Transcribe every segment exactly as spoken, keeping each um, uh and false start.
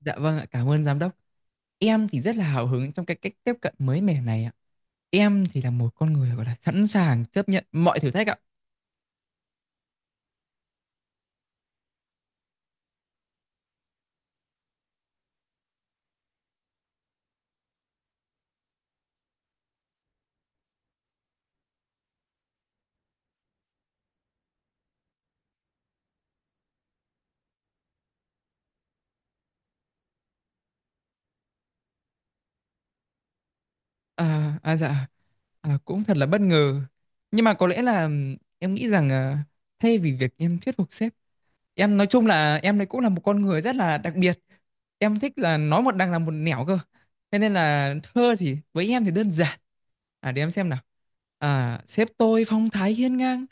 Dạ vâng ạ, cảm ơn giám đốc. Em thì rất là hào hứng trong cái cách tiếp cận mới mẻ này ạ. Em thì là một con người gọi là sẵn sàng chấp nhận mọi thử thách ạ. À, à dạ, à, cũng thật là bất ngờ. Nhưng mà có lẽ là ừm, em nghĩ rằng à, thay vì việc em thuyết phục sếp, em nói chung là em đây cũng là một con người rất là đặc biệt. Em thích là nói một đằng làm một nẻo cơ. Thế nên là thơ thì với em thì đơn giản. À để em xem nào. À, sếp tôi phong thái hiên ngang,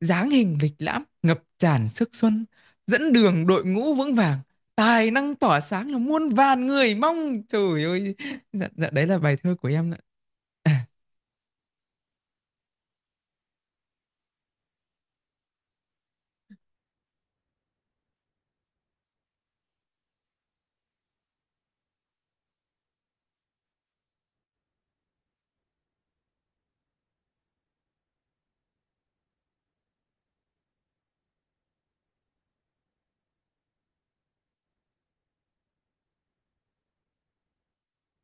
dáng hình lịch lãm ngập tràn sức xuân, dẫn đường đội ngũ vững vàng, tài năng tỏa sáng là muôn vàn người mong trời ơi. Dạ, dạ đấy là bài thơ của em ạ. À,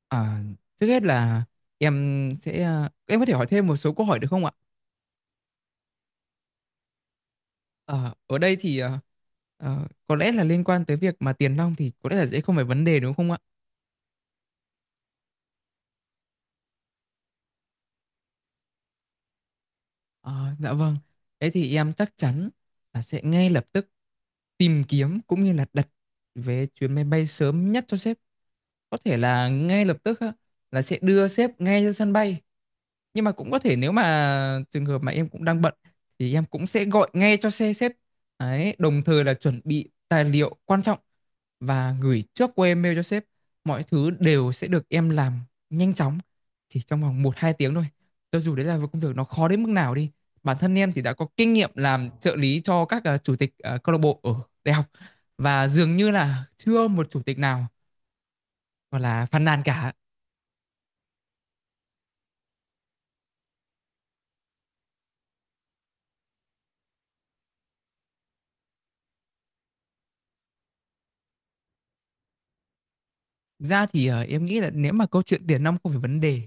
à, trước hết là em sẽ à, em có thể hỏi thêm một số câu hỏi được không ạ? Ờ, ở đây thì à, ờ, có lẽ là liên quan tới việc mà tiền nong thì có lẽ là dễ không phải vấn đề đúng không ạ? Ờ, dạ vâng, thế thì em chắc chắn là sẽ ngay lập tức tìm kiếm cũng như là đặt vé chuyến máy bay sớm nhất cho sếp, có thể là ngay lập tức á, là sẽ đưa sếp ngay ra sân bay. Nhưng mà cũng có thể nếu mà trường hợp mà em cũng đang bận thì em cũng sẽ gọi ngay cho xe sếp đấy, đồng thời là chuẩn bị tài liệu quan trọng và gửi trước qua email cho sếp. Mọi thứ đều sẽ được em làm nhanh chóng chỉ trong vòng một hai tiếng thôi, cho dù đấy là một công việc nó khó đến mức nào đi. Bản thân em thì đã có kinh nghiệm làm trợ lý cho các ờ, chủ tịch ờ, câu lạc bộ ở đại học, và dường như là chưa một chủ tịch nào gọi là phàn nàn cả. Ra thì ờ, em nghĩ là nếu mà câu chuyện tiền nong không phải vấn đề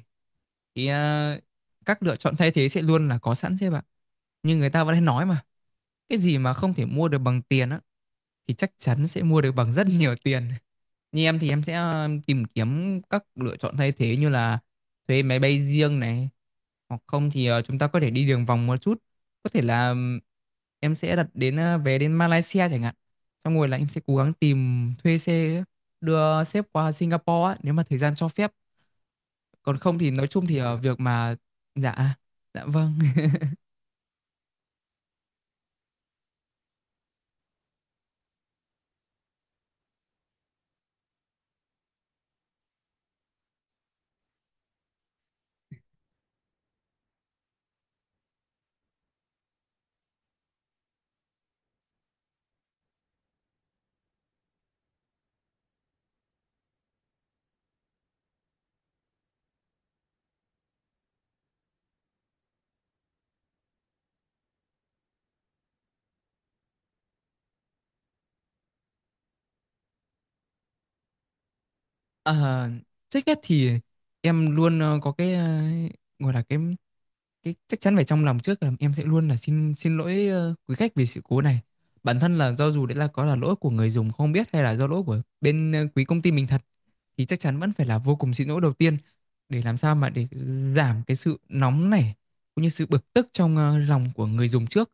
thì ờ, các lựa chọn thay thế sẽ luôn là có sẵn chứ bạn. Nhưng người ta vẫn hay nói mà, cái gì mà không thể mua được bằng tiền á thì chắc chắn sẽ mua được bằng rất nhiều tiền. Như em thì em sẽ ờ, tìm kiếm các lựa chọn thay thế như là thuê máy bay riêng này, hoặc không thì ờ, chúng ta có thể đi đường vòng một chút. Có thể là ừm, em sẽ đặt đến ờ, vé đến Malaysia chẳng hạn. Xong rồi là em sẽ cố gắng tìm thuê xe đưa sếp qua Singapore á, nếu mà thời gian cho phép. Còn không thì nói chung thì ờ, việc mà dạ, dạ vâng. Ờ, trước hết thì em luôn ờ, có cái ờ, gọi là cái cái chắc chắn phải trong lòng trước, là em sẽ luôn là xin, xin lỗi ờ, quý khách vì sự cố này. Bản thân là do dù đấy là có là lỗi của người dùng không biết, hay là do lỗi của bên ờ, quý công ty mình thật, thì chắc chắn vẫn phải là vô cùng xin lỗi đầu tiên, để làm sao mà để giảm cái sự nóng này cũng như sự bực tức trong ờ, lòng của người dùng trước.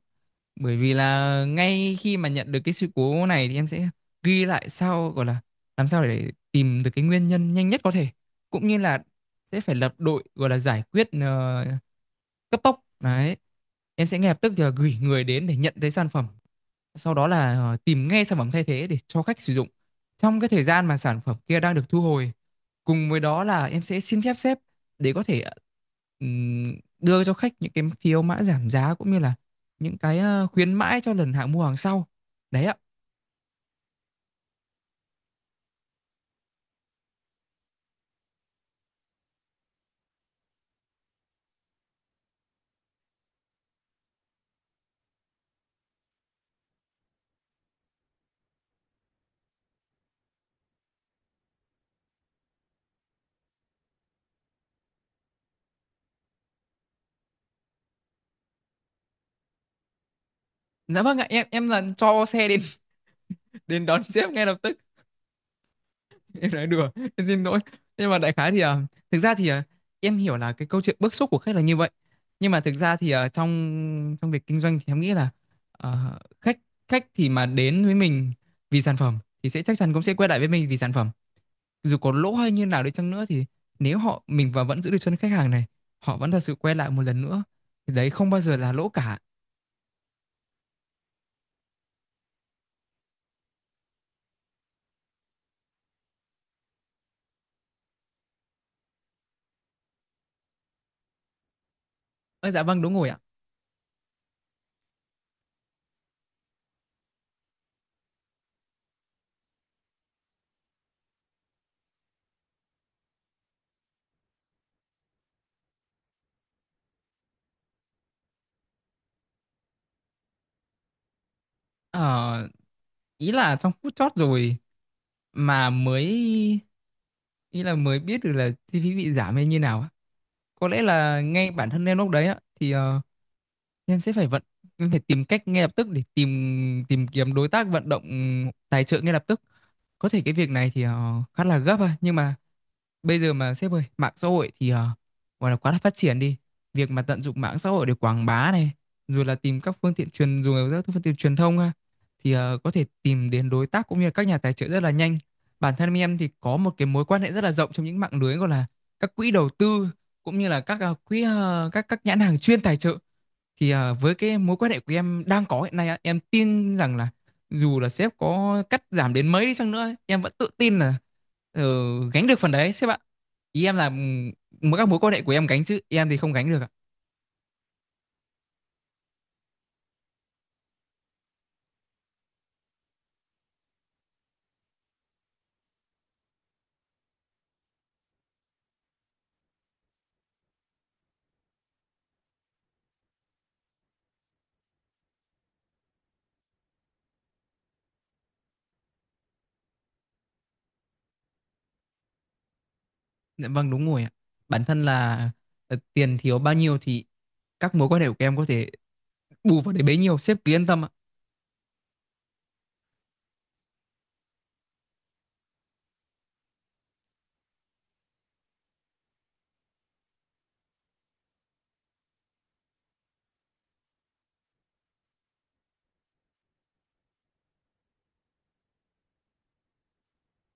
Bởi vì là ngay khi mà nhận được cái sự cố này thì em sẽ ghi lại, sau gọi là làm sao để tìm được cái nguyên nhân nhanh nhất có thể, cũng như là sẽ phải lập đội gọi là giải quyết ờ, cấp tốc đấy. Em sẽ ngay lập tức là gửi người đến để nhận thấy sản phẩm, sau đó là ờ, tìm ngay sản phẩm thay thế để cho khách sử dụng trong cái thời gian mà sản phẩm kia đang được thu hồi. Cùng với đó là em sẽ xin phép sếp để có thể ừm, đưa cho khách những cái phiếu mã giảm giá, cũng như là những cái ờ, khuyến mãi cho lần hàng mua hàng sau đấy ạ. Dạ vâng ạ, em em là cho xe đến đến đón sếp ngay lập tức. Em nói đùa, em xin lỗi. Nhưng mà đại khái thì ờ, thực ra thì ờ, em hiểu là cái câu chuyện bức xúc của khách là như vậy. Nhưng mà thực ra thì ờ, trong trong việc kinh doanh thì em nghĩ là ờ, khách, khách thì mà đến với mình vì sản phẩm thì sẽ chắc chắn cũng sẽ quay lại với mình vì sản phẩm. Dù có lỗ hay như nào đi chăng nữa thì nếu họ mình và vẫn giữ được chân khách hàng này, họ vẫn thật sự quay lại một lần nữa thì đấy không bao giờ là lỗ cả. Ơ dạ vâng đúng rồi ạ. Ờ, ý là trong phút chót rồi mà mới, ý là mới biết được là chi phí bị giảm hay như nào á. Có lẽ là ngay bản thân em lúc đấy á thì ờ, em sẽ phải vận, em phải tìm cách ngay lập tức để tìm, tìm kiếm đối tác, vận động tài trợ ngay lập tức. Có thể cái việc này thì ờ, khá là gấp à, nhưng mà bây giờ mà sếp ơi, mạng xã hội thì ờ, gọi là quá là phát triển đi. Việc mà tận dụng mạng xã hội để quảng bá này, rồi là tìm các phương tiện truyền, dùng các phương tiện truyền thông ha, thì ờ, có thể tìm đến đối tác cũng như là các nhà tài trợ rất là nhanh. Bản thân em thì có một cái mối quan hệ rất là rộng trong những mạng lưới gọi là các quỹ đầu tư, cũng như là các ờ, quỹ, ờ, các các nhãn hàng chuyên tài trợ. Thì à, với cái mối quan hệ của em đang có hiện nay á, em tin rằng là dù là sếp có cắt giảm đến mấy đi chăng nữa ấy, em vẫn tự tin là ờ, gánh được phần đấy sếp ạ. Ý em là ừm, mỗi các mối quan hệ của em gánh chứ em thì không gánh được ạ. Dạ vâng đúng rồi ạ, bản thân là ờ, tiền thiếu bao nhiêu thì các mối quan hệ của em có thể bù vào đấy bấy nhiêu, sếp cứ yên tâm ạ.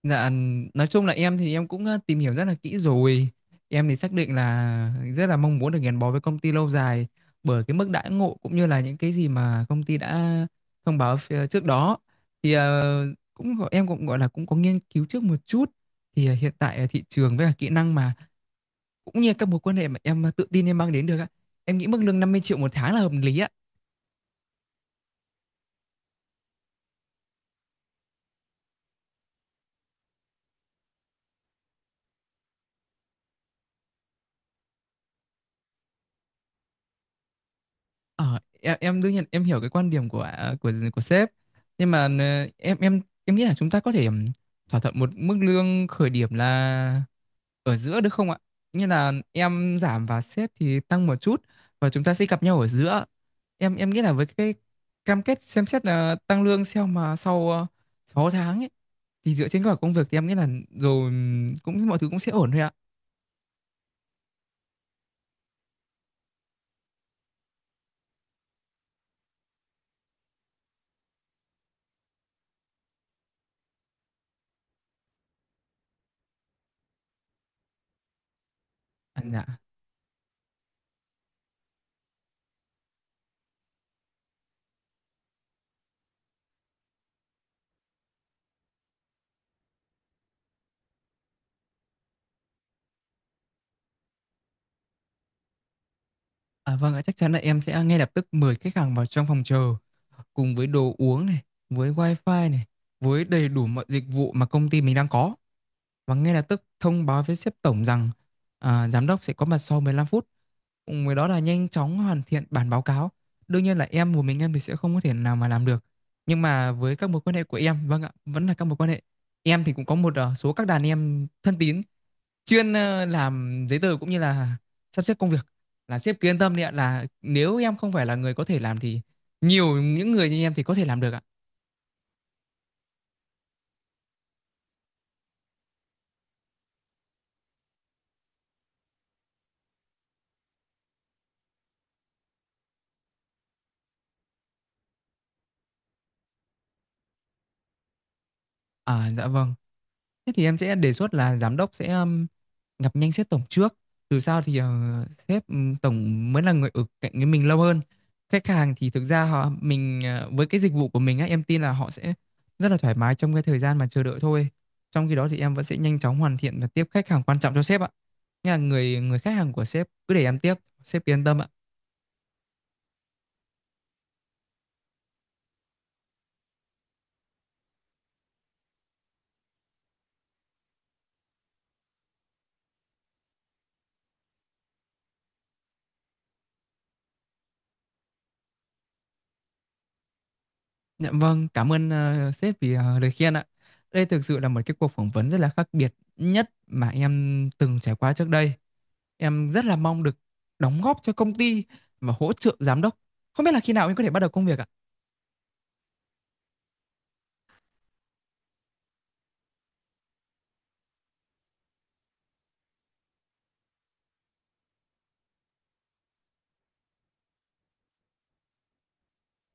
Dạ, nói chung là em thì em cũng ờ, tìm hiểu rất là kỹ rồi. Em thì xác định là rất là mong muốn được gắn bó với công ty lâu dài bởi cái mức đãi ngộ cũng như là những cái gì mà công ty đã thông báo phía trước đó. Thì ờ, cũng gọi- em cũng gọi là cũng có nghiên cứu trước một chút. Thì ờ, hiện tại ờ, thị trường với cả kỹ năng mà cũng như các mối quan hệ mà em ờ, tự tin em mang đến được á. Em nghĩ mức lương năm mươi triệu một tháng là hợp lý ạ. Ờ, em em đương nhiên em hiểu cái quan điểm của à, của của sếp, nhưng mà ờ, em em em nghĩ là chúng ta có thể ừm, thỏa thuận một mức lương khởi điểm là ở giữa được không ạ? Như là em giảm và sếp thì tăng một chút, và chúng ta sẽ gặp nhau ở giữa. Em em nghĩ là với cái cam kết xem xét là tăng lương sau mà sau ờ, sáu tháng ấy, thì dựa trên kết quả công việc thì em nghĩ là rồi ừm, cũng mọi thứ cũng sẽ ổn thôi ạ. À, dạ. À vâng ạ, chắc chắn là em sẽ ngay lập tức mời khách hàng vào trong phòng chờ cùng với đồ uống này, với wifi này, với đầy đủ mọi dịch vụ mà công ty mình đang có, và ngay lập tức thông báo với sếp tổng rằng à, giám đốc sẽ có mặt sau mười lăm phút. Cùng với đó là nhanh chóng hoàn thiện bản báo cáo. Đương nhiên là em một mình em thì sẽ không có thể nào mà làm được. Nhưng mà với các mối quan hệ của em, vâng ạ, vẫn là các mối quan hệ. Em thì cũng có một ờ, số các đàn em thân tín chuyên ờ, làm giấy tờ cũng như là sắp xếp công việc, là sếp cứ yên tâm đi ạ, là nếu em không phải là người có thể làm thì nhiều những người như em thì có thể làm được ạ. À dạ vâng, thế thì em sẽ đề xuất là giám đốc sẽ ừm, gặp nhanh sếp tổng trước, từ sau thì ờ, sếp ừm, tổng mới là người ở cạnh với mình lâu hơn. Khách hàng thì thực ra họ mình ờ, với cái dịch vụ của mình á, em tin là họ sẽ rất là thoải mái trong cái thời gian mà chờ đợi thôi. Trong khi đó thì em vẫn sẽ nhanh chóng hoàn thiện và tiếp khách hàng quan trọng cho sếp ạ. Nhà người, người khách hàng của sếp cứ để em tiếp, sếp yên tâm ạ. Dạ vâng, cảm ơn ờ, sếp vì ờ, lời khen ạ. Đây thực sự là một cái cuộc phỏng vấn rất là khác biệt nhất mà em từng trải qua trước đây. Em rất là mong được đóng góp cho công ty và hỗ trợ giám đốc. Không biết là khi nào em có thể bắt đầu công việc ạ?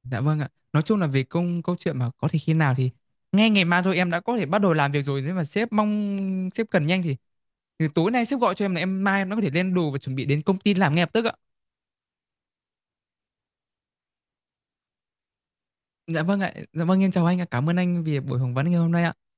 Dạ vâng ạ. Nói chung là về công, câu chuyện mà có thể khi nào thì ngay ngày mai thôi em đã có thể bắt đầu làm việc rồi, nếu mà sếp mong sếp cần nhanh thì thì tối nay sếp gọi cho em là em mai em đã có thể lên đồ và chuẩn bị đến công ty làm ngay lập tức ạ. Dạ vâng ạ. Dạ vâng, em chào anh ạ. Cảm ơn anh vì buổi phỏng vấn ngày hôm nay ạ.